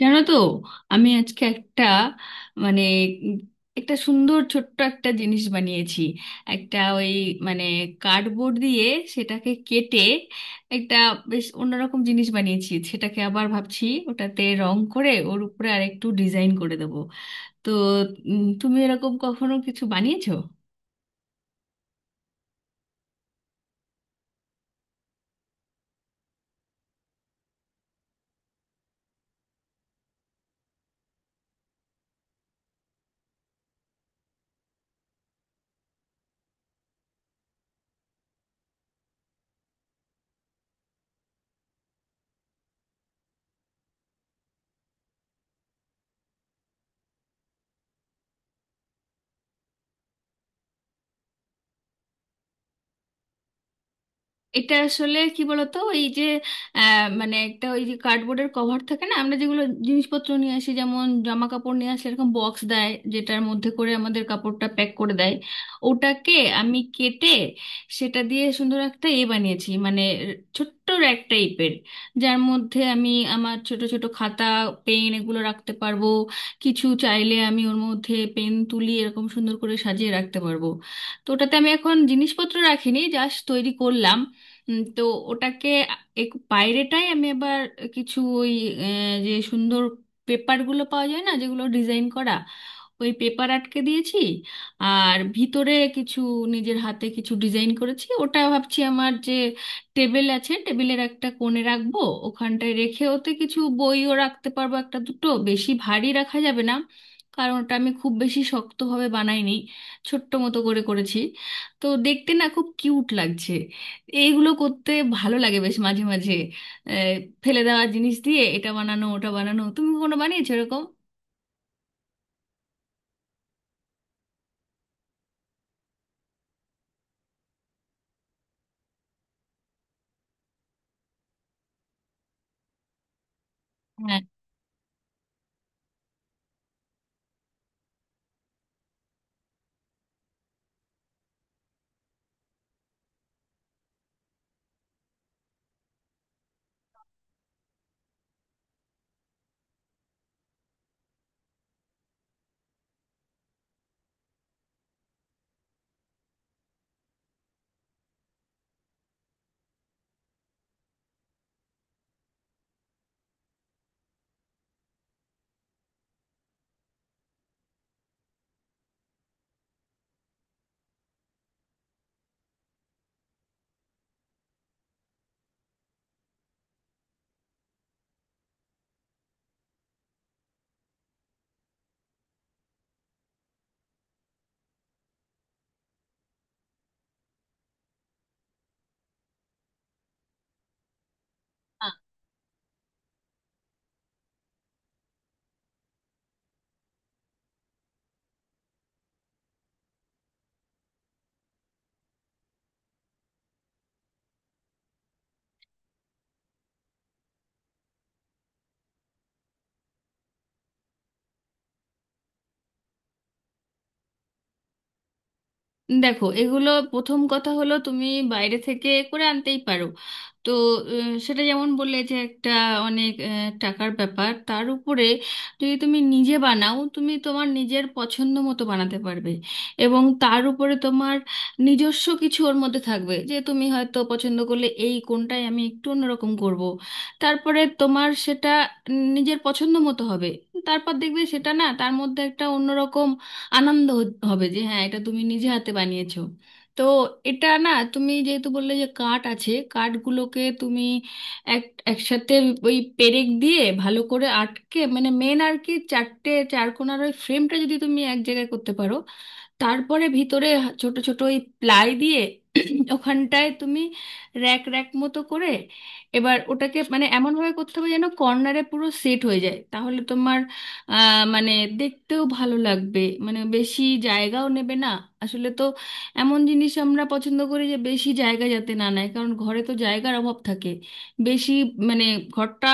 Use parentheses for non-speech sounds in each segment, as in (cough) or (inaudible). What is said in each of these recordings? জানো তো? আমি আজকে একটা মানে উম একটা সুন্দর ছোট্ট একটা জিনিস বানিয়েছি। একটা ওই মানে কার্ডবোর্ড দিয়ে সেটাকে কেটে একটা বেশ অন্যরকম জিনিস বানিয়েছি। সেটাকে আবার ভাবছি ওটাতে রং করে ওর উপরে আরেকটু ডিজাইন করে দেবো। তো তুমি এরকম কখনো কিছু বানিয়েছো? এটা আসলে কি বলতো, এই যে মানে একটা ওই যে কার্ডবোর্ডের কভার থাকে না, আমরা যেগুলো জিনিসপত্র নিয়ে আসি, যেমন জামা কাপড় নিয়ে আসলে এরকম বক্স দেয় যেটার মধ্যে করে আমাদের কাপড়টা প্যাক করে দেয়। ওটাকে আমি কেটে সেটা দিয়ে সুন্দর একটা এ বানিয়েছি, মানে ছোট্ট র্যাক টাইপের, যার মধ্যে আমি আমার ছোট ছোট খাতা, পেন এগুলো রাখতে পারবো। কিছু চাইলে আমি ওর মধ্যে পেন, তুলি এরকম সুন্দর করে সাজিয়ে রাখতে পারবো। তো ওটাতে আমি এখন জিনিসপত্র রাখিনি, জাস্ট তৈরি করলাম। তো ওটাকে এক বাইরেটাই আমি আবার কিছু ওই যে সুন্দর পেপারগুলো পাওয়া যায় না, যেগুলো ডিজাইন করা, ওই পেপার আটকে দিয়েছি। আর ভিতরে কিছু নিজের হাতে কিছু ডিজাইন করেছি। ওটা ভাবছি আমার যে টেবিল আছে, টেবিলের একটা কোণে রাখবো। ওখানটায় রেখে ওতে কিছু বইও রাখতে পারবো, একটা দুটো, বেশি ভারী রাখা যাবে না, কারণ ওটা আমি খুব বেশি শক্তভাবে বানাইনি, ছোট্ট মতো করে করেছি। তো দেখতে না খুব কিউট লাগছে। এইগুলো করতে ভালো লাগে বেশ মাঝে মাঝে। আহ, ফেলে দেওয়া জিনিস দিয়ে এটা বানানো ওটা বানানো, তুমি কোনো বানিয়েছো এরকম? হ্যাঁ, দেখো এগুলো, প্রথম কথা হলো তুমি বাইরে থেকে করে আনতেই পারো। তো সেটা যেমন বললে যে একটা অনেক টাকার ব্যাপার, তার উপরে যদি তুমি নিজে বানাও, তুমি তোমার নিজের পছন্দ মতো বানাতে পারবে। এবং তার উপরে তোমার নিজস্ব কিছু ওর মধ্যে থাকবে, যে তুমি হয়তো পছন্দ করলে এই কোনটাই আমি একটু অন্যরকম করব। তারপরে তোমার সেটা নিজের পছন্দ মতো হবে। তারপর দেখবে সেটা না তার মধ্যে একটা অন্যরকম আনন্দ হবে, যে হ্যাঁ এটা তুমি নিজে হাতে বানিয়েছো। তো এটা না, তুমি যেহেতু বললে যে কাঠ আছে, কাঠগুলোকে তুমি এক একসাথে ওই পেরেক দিয়ে ভালো করে আটকে, মানে মেন আর কি চারটে চারকোনার ওই ফ্রেমটা যদি তুমি এক জায়গায় করতে পারো, তারপরে ভিতরে ছোট ছোট ওই প্লাই দিয়ে (clears throat) ওখানটায় তুমি র্যাক র্যাক মতো করে, এবার ওটাকে মানে এমন ভাবে করতে হবে যেন কর্নারে পুরো সেট হয়ে যায়, তাহলে মানে দেখতেও ভালো লাগবে, মানে বেশি জায়গাও নেবে না। আসলে তো এমন জিনিস আমরা পছন্দ করি যে বেশি জায়গা যাতে না নেয়, কারণ ঘরে তো জায়গার অভাব থাকে। বেশি মানে ঘরটা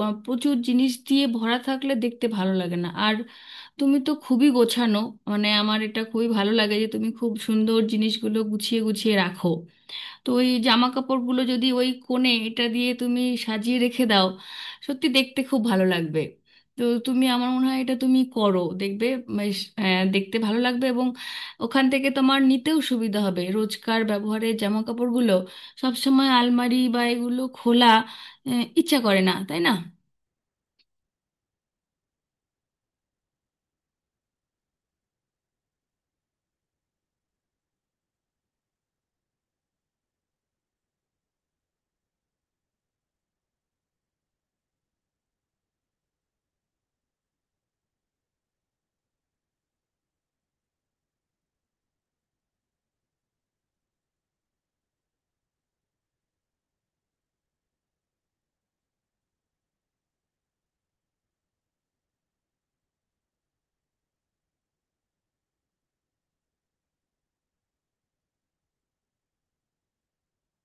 প্রচুর জিনিস দিয়ে ভরা থাকলে দেখতে ভালো লাগে না আর। তুমি তো খুবই গোছানো, মানে আমার এটা খুবই ভালো লাগে যে তুমি খুব সুন্দর জিনিসগুলো গুছিয়ে গুছিয়ে রাখো। তো ওই জামা কাপড়গুলো যদি ওই কোণে এটা দিয়ে তুমি সাজিয়ে রেখে দাও, সত্যি দেখতে খুব ভালো লাগবে। তো তুমি আমার মনে হয় এটা তুমি করো, দেখবে বেশ, দেখতে ভালো লাগবে, এবং ওখান থেকে তোমার নিতেও সুবিধা হবে রোজকার ব্যবহারের জামা কাপড়গুলো। সব সময় আলমারি বা এগুলো খোলা ইচ্ছা করে না, তাই না?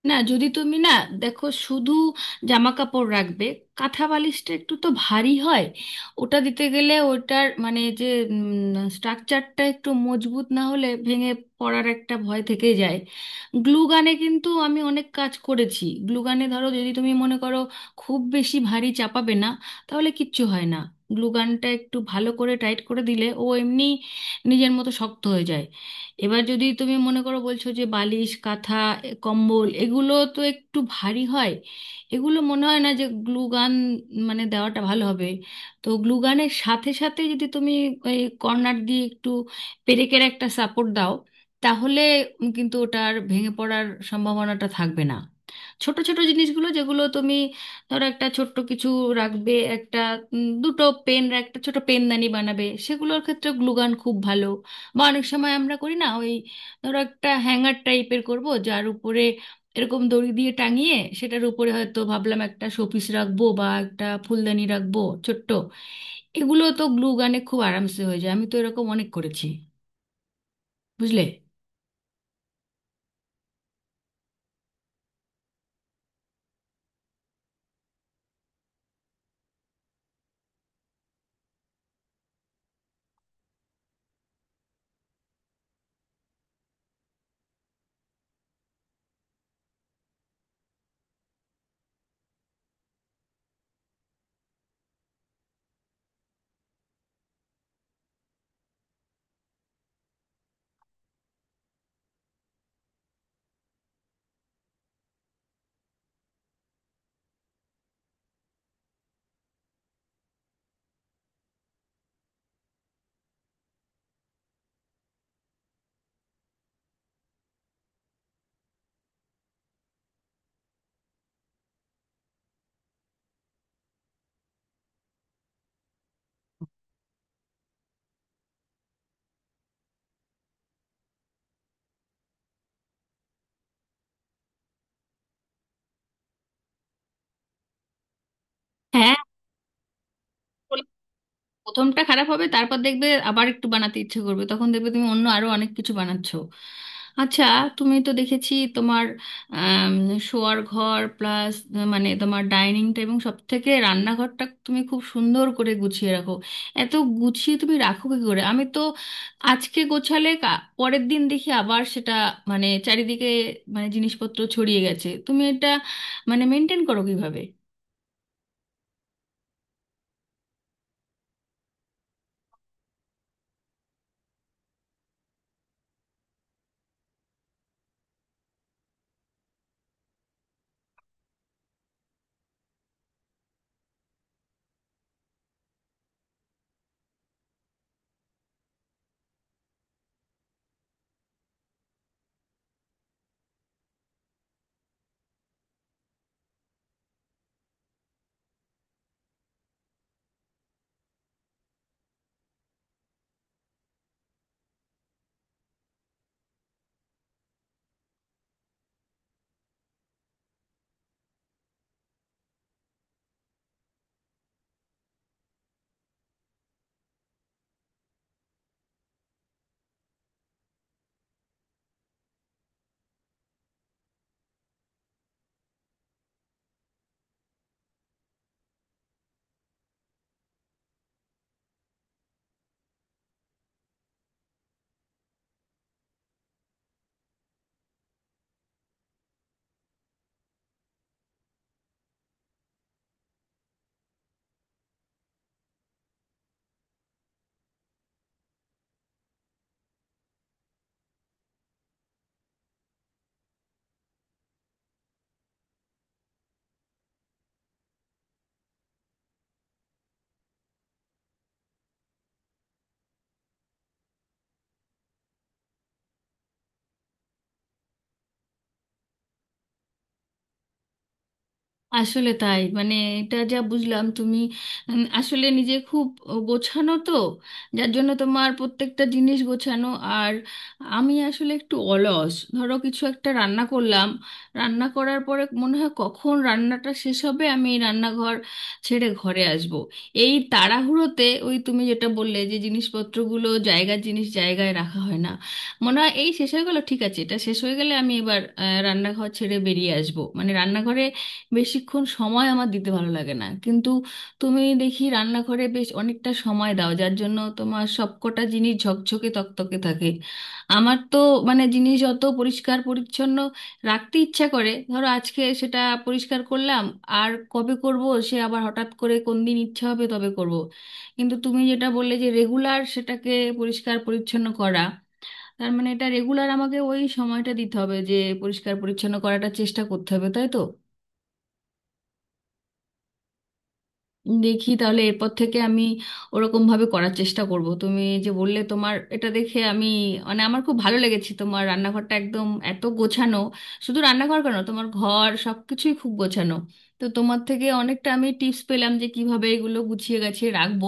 না যদি তুমি না, দেখো শুধু জামা কাপড় রাখবে, কাঁথা বালিশটা একটু তো ভারী হয়। ওটা দিতে গেলে ওটার মানে যে স্ট্রাকচারটা একটু মজবুত না হলে ভেঙে পড়ার একটা ভয় থেকে যায়। গ্লু গানে কিন্তু আমি অনেক কাজ করেছি। গ্লু গানে ধরো, যদি তুমি মনে করো খুব বেশি ভারী চাপাবে না, তাহলে কিচ্ছু হয় না। গ্লু গানটা একটু ভালো করে টাইট করে দিলে ও এমনি নিজের মতো শক্ত হয়ে যায়। এবার যদি তুমি মনে করো, বলছো যে বালিশ, কাঁথা, এ, কম্বল, এগুলো তো একটু ভারী হয়, এগুলো মনে হয় না যে গ্লুগান মানে দেওয়াটা ভালো হবে। তো গ্লুগানের সাথে সাথে যদি তুমি ওই কর্নার দিয়ে একটু পেরেকের একটা সাপোর্ট দাও, তাহলে কিন্তু ওটার ভেঙে পড়ার সম্ভাবনাটা থাকবে না। ছোট ছোট জিনিসগুলো যেগুলো তুমি ধরো একটা ছোট্ট কিছু রাখবে, একটা দুটো পেন, একটা ছোট পেনদানি বানাবে, সেগুলোর ক্ষেত্রে গ্লুগান খুব ভালো। বা অনেক সময় আমরা করি না ওই, ধরো একটা হ্যাঙ্গার টাইপের করব যার উপরে এরকম দড়ি দিয়ে টাঙিয়ে সেটার উপরে হয়তো ভাবলাম একটা শোপিস রাখবো বা একটা ফুলদানি রাখবো ছোট্ট, এগুলো তো গ্লু গানে খুব আরামসে হয়ে যায়। আমি তো এরকম অনেক করেছি, বুঝলে? হ্যাঁ, প্রথমটা খারাপ হবে, তারপর দেখবে আবার একটু বানাতে ইচ্ছে করবে, তখন দেখবে তুমি অন্য আরো অনেক কিছু বানাচ্ছো। আচ্ছা, তুমি তো দেখেছি তোমার আম, শোয়ার ঘর প্লাস মানে তোমার ডাইনিংটা এবং সব থেকে রান্নাঘরটা তুমি খুব সুন্দর করে গুছিয়ে রাখো। এত গুছিয়ে তুমি রাখো কি করে? আমি তো আজকে গোছালে পরের দিন দেখি আবার সেটা মানে চারিদিকে মানে জিনিসপত্র ছড়িয়ে গেছে। তুমি এটা মানে মেনটেন করো কিভাবে? আসলে তাই, মানে এটা যা বুঝলাম তুমি আসলে নিজে খুব গোছানো তো, যার জন্য তোমার প্রত্যেকটা জিনিস গোছানো। আর আমি আসলে একটু অলস। ধরো কিছু একটা রান্না করলাম, রান্না করার পরে মনে হয় কখন রান্নাটা শেষ হবে আমি এই রান্নাঘর ছেড়ে ঘরে আসব। এই তাড়াহুড়োতে ওই তুমি যেটা বললে যে জিনিসপত্রগুলো জায়গার জিনিস জায়গায় রাখা হয় না। মনে হয় এই শেষ হয়ে গেল, ঠিক আছে এটা শেষ হয়ে গেলে আমি এবার রান্নাঘর ছেড়ে বেরিয়ে আসব, মানে রান্নাঘরে বেশিক্ষণ সময় আমার দিতে ভালো লাগে না। কিন্তু তুমি দেখি রান্নাঘরে বেশ অনেকটা সময় দাও, যার জন্য তোমার সবকটা জিনিস ঝকঝকে তকতকে থাকে। আমার তো মানে জিনিস যত পরিষ্কার পরিচ্ছন্ন রাখতে ইচ্ছা করে, ধরো আজকে সেটা পরিষ্কার করলাম, আর কবে করব সে আবার হঠাৎ করে কোন দিন ইচ্ছা হবে তবে করব। কিন্তু তুমি যেটা বললে যে রেগুলার সেটাকে পরিষ্কার পরিচ্ছন্ন করা, তার মানে এটা রেগুলার আমাকে ওই সময়টা দিতে হবে যে পরিষ্কার পরিচ্ছন্ন করাটা চেষ্টা করতে হবে, তাই তো? দেখি তাহলে এরপর থেকে আমি ওরকম ভাবে করার চেষ্টা করব। তুমি যে বললে, তোমার এটা দেখে আমি মানে আমার খুব ভালো লেগেছে, তোমার রান্নাঘরটা একদম এত গোছানো। শুধু রান্নাঘর কেন, তোমার ঘর সব কিছুই খুব গোছানো। তো তোমার থেকে অনেকটা আমি টিপস পেলাম যে কিভাবে এগুলো গুছিয়ে গাছিয়ে রাখবো।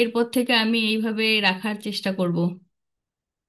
এরপর থেকে আমি এইভাবে রাখার চেষ্টা করব।